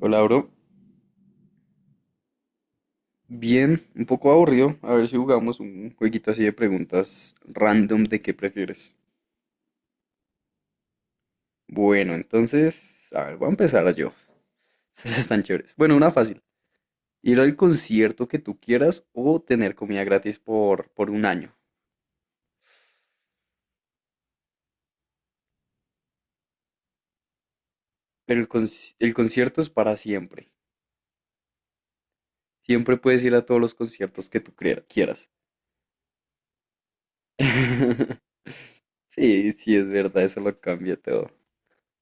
Hola, bro. Bien, un poco aburrido. A ver si jugamos un jueguito así de preguntas random de qué prefieres. Bueno, entonces, a ver, voy a empezar yo. Estas están chéveres. Bueno, una fácil. Ir al concierto que tú quieras o tener comida gratis por un año. Pero el concierto es para siempre. Siempre puedes ir a todos los conciertos que tú quieras. Sí, sí, es verdad, eso lo cambia todo.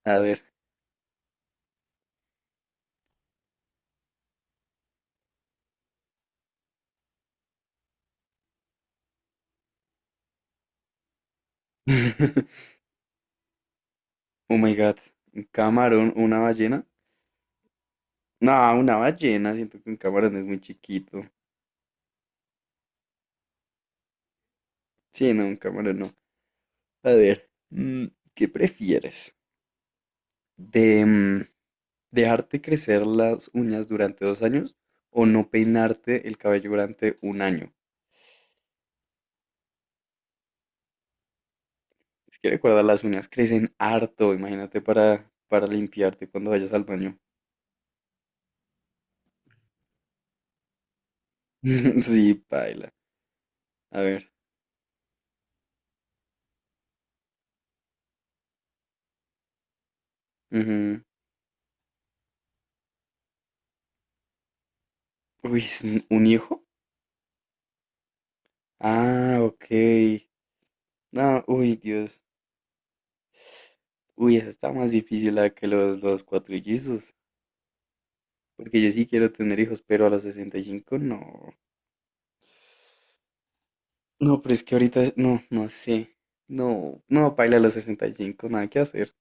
A ver. Oh my God. Un camarón, una ballena. No, una ballena, siento que un camarón es muy chiquito. Sí, no, un camarón no. A ver, mm, ¿qué prefieres? ¿De mm, dejarte crecer las uñas durante 2 años o no peinarte el cabello durante un año? Es que recuerda, las uñas crecen harto, imagínate para limpiarte cuando vayas al baño. Sí, paila. A ver. Ujú. Uy, ¿es un hijo? Ah, ok. No, uy, Dios. Uy, esa está más difícil la que los cuatrillizos. Porque yo sí quiero tener hijos, pero a los 65 no. No, pero es que ahorita no, no sé. No, no, paila, a los 65 nada que hacer.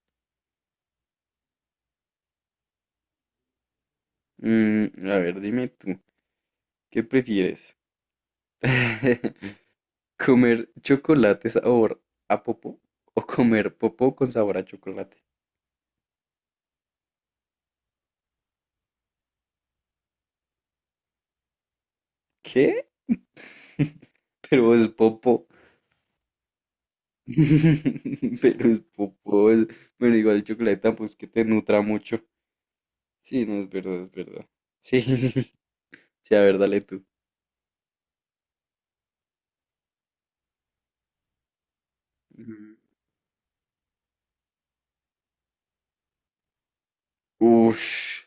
Mm, a ver, dime tú, ¿qué prefieres? ¿Comer chocolate sabor a popó o comer popó con sabor a chocolate? ¿Qué? Pero es popo. Pero es popó, es- Bueno, igual el chocolate tampoco es que te nutra mucho. Sí, no, es verdad, es verdad. Sí, sí. Sí, a ver, dale tú. Ujú. Ush.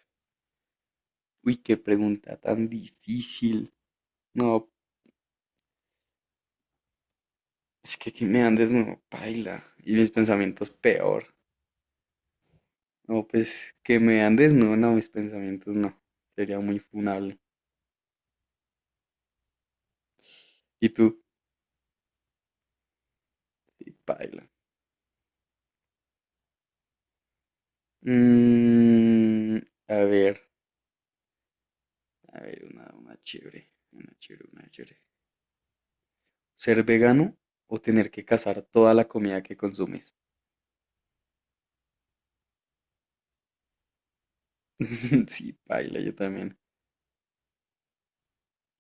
Uy, qué pregunta tan difícil. No, es que me andes no, paila. Y mis pensamientos peor. No, pues que me andes no, no, mis pensamientos no. Sería muy funable. ¿Y tú? Sí, paila. Mm, a ver, a ver, una chévere, una chévere, una chévere. ¿Ser vegano o tener que cazar toda la comida que consumes? Sí, paila, yo también.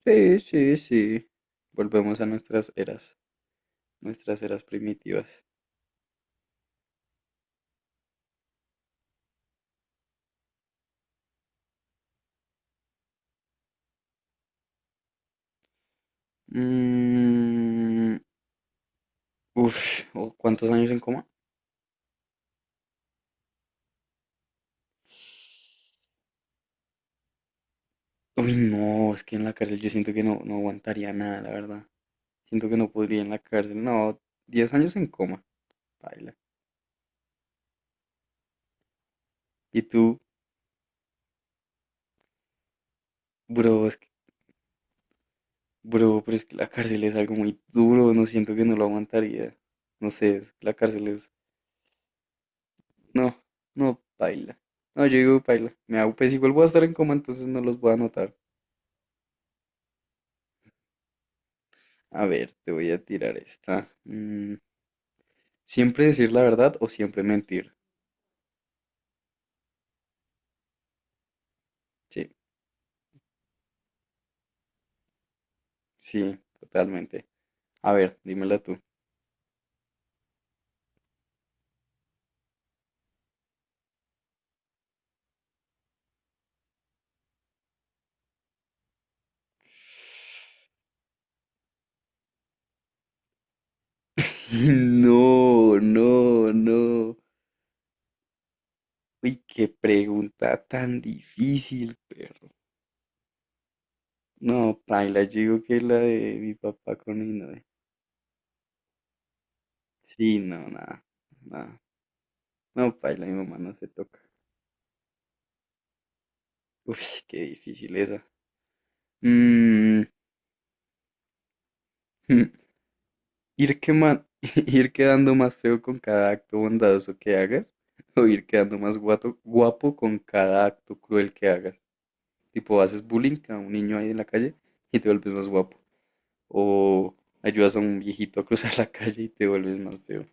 Sí, sí, sí. Volvemos a nuestras eras primitivas. Mm, uf, ¿o ¿cuántos años en coma? Uy, no, es que en la cárcel yo siento que no, no aguantaría nada, la verdad. Siento que no podría en la cárcel. No, 10 años en coma, baila. Y tú, bro, es que, bro, pero es que la cárcel es algo muy duro, no siento que no lo aguantaría. No sé, es que la cárcel es... No, no, baila. No, yo digo, baila. Me hago, pues igual voy a estar en coma, entonces no los voy a anotar. A ver, te voy a tirar esta. Mm, ¿siempre decir la verdad o siempre mentir? Sí, sí, totalmente. A ver, dímela tú. No, no, no. Uy, qué pregunta tan difícil, perro. No, paila, yo digo que la de mi papá con mi novia. Sí, no, nada, nada. No, paila, mi mamá no se toca. Uy, qué difícil esa. Mm. Ir quema- Ir quedando más feo con cada acto bondadoso que hagas, o ir quedando más guapo con cada acto cruel que hagas. Tipo, haces bullying a un niño ahí en la calle y te vuelves más guapo. O ayudas a un viejito a cruzar la calle y te vuelves más feo.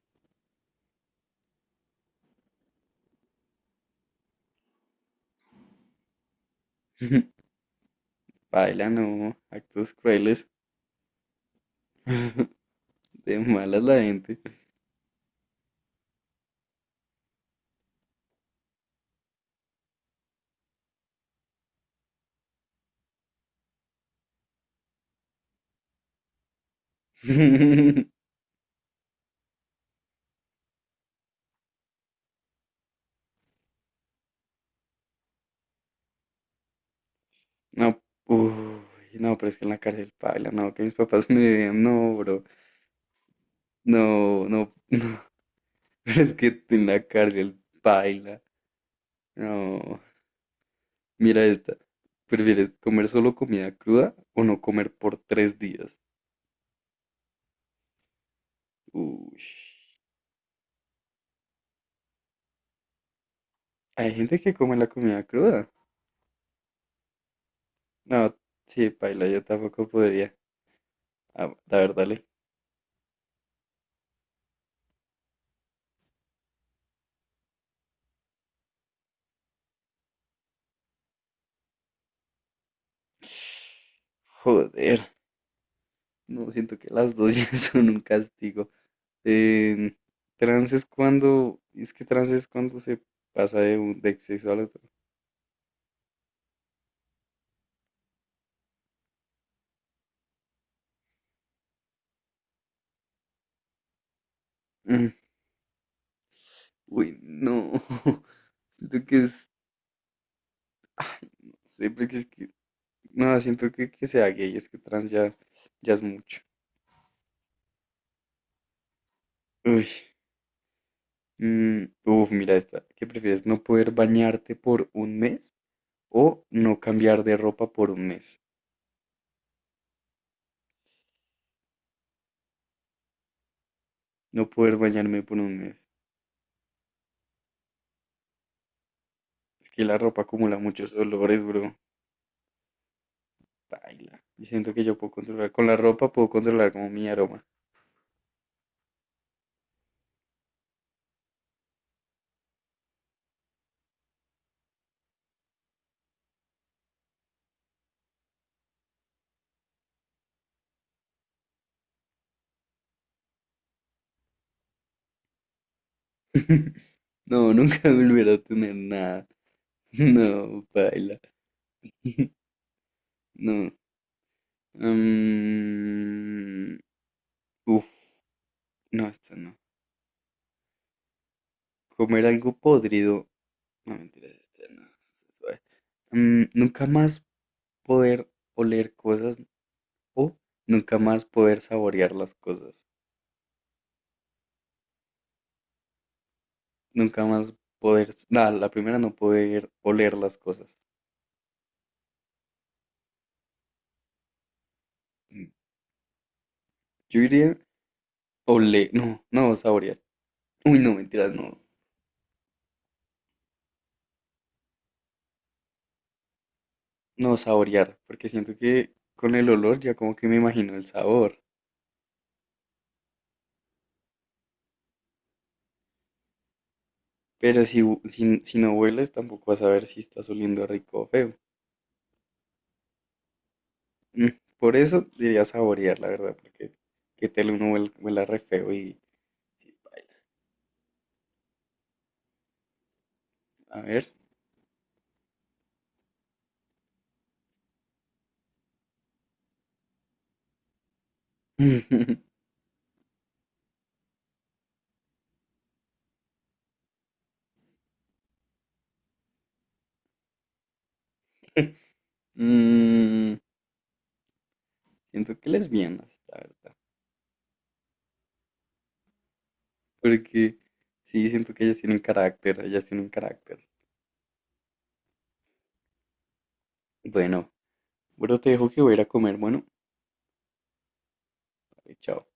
Baila, no, actos crueles, de malas la gente. No, uy, no, pero es que en la cárcel, baila, no, que mis papás me vean, no, bro, no, no, pero es que en la cárcel, baila. No, mira esta. ¿Prefieres comer solo comida cruda o no comer por 3 días? Uy, hay gente que come la comida cruda. No, sí, paila, yo tampoco podría. Ah, la verdad, le. Joder, no siento que las dos ya son un castigo. Eh, trans es cuando, es que trans es cuando se pasa de sexo al otro. Mm. Uy, no. Siento que es, ah, no sé, porque es que... No, siento que sea gay, es que trans ya, ya es mucho. Uy, mm, uf, mira esta. ¿Qué prefieres? ¿No poder bañarte por un mes o no cambiar de ropa por un mes? No poder bañarme por un mes. Es que la ropa acumula muchos olores, bro. Baila. Y siento que yo puedo controlar. Con la ropa puedo controlar como mi aroma. No, nunca volver a tener nada. No, baila. No. Mm, uf, no, esta no. Comer algo podrido. No, mentiras, este, no, este es suave. Mm, nunca más poder oler cosas o nunca más poder saborear las cosas. Nunca más poder, nada, la primera no poder oler las cosas. Mm. Yo diría oler, no, no saborear. Uy, no, mentiras, no, no saborear, porque siento que con el olor ya como que me imagino el sabor. Pero si, si no hueles, tampoco vas a ver si estás oliendo rico o feo. Mm. Por eso diría saborear, la verdad, porque que tal uno huela re feo y... A ver. Mm, siento que lesbianas, la verdad. Porque sí, siento que ellas tienen carácter, ellas tienen carácter. Bueno, bueno, te dejo que voy a ir a comer. Bueno, chao.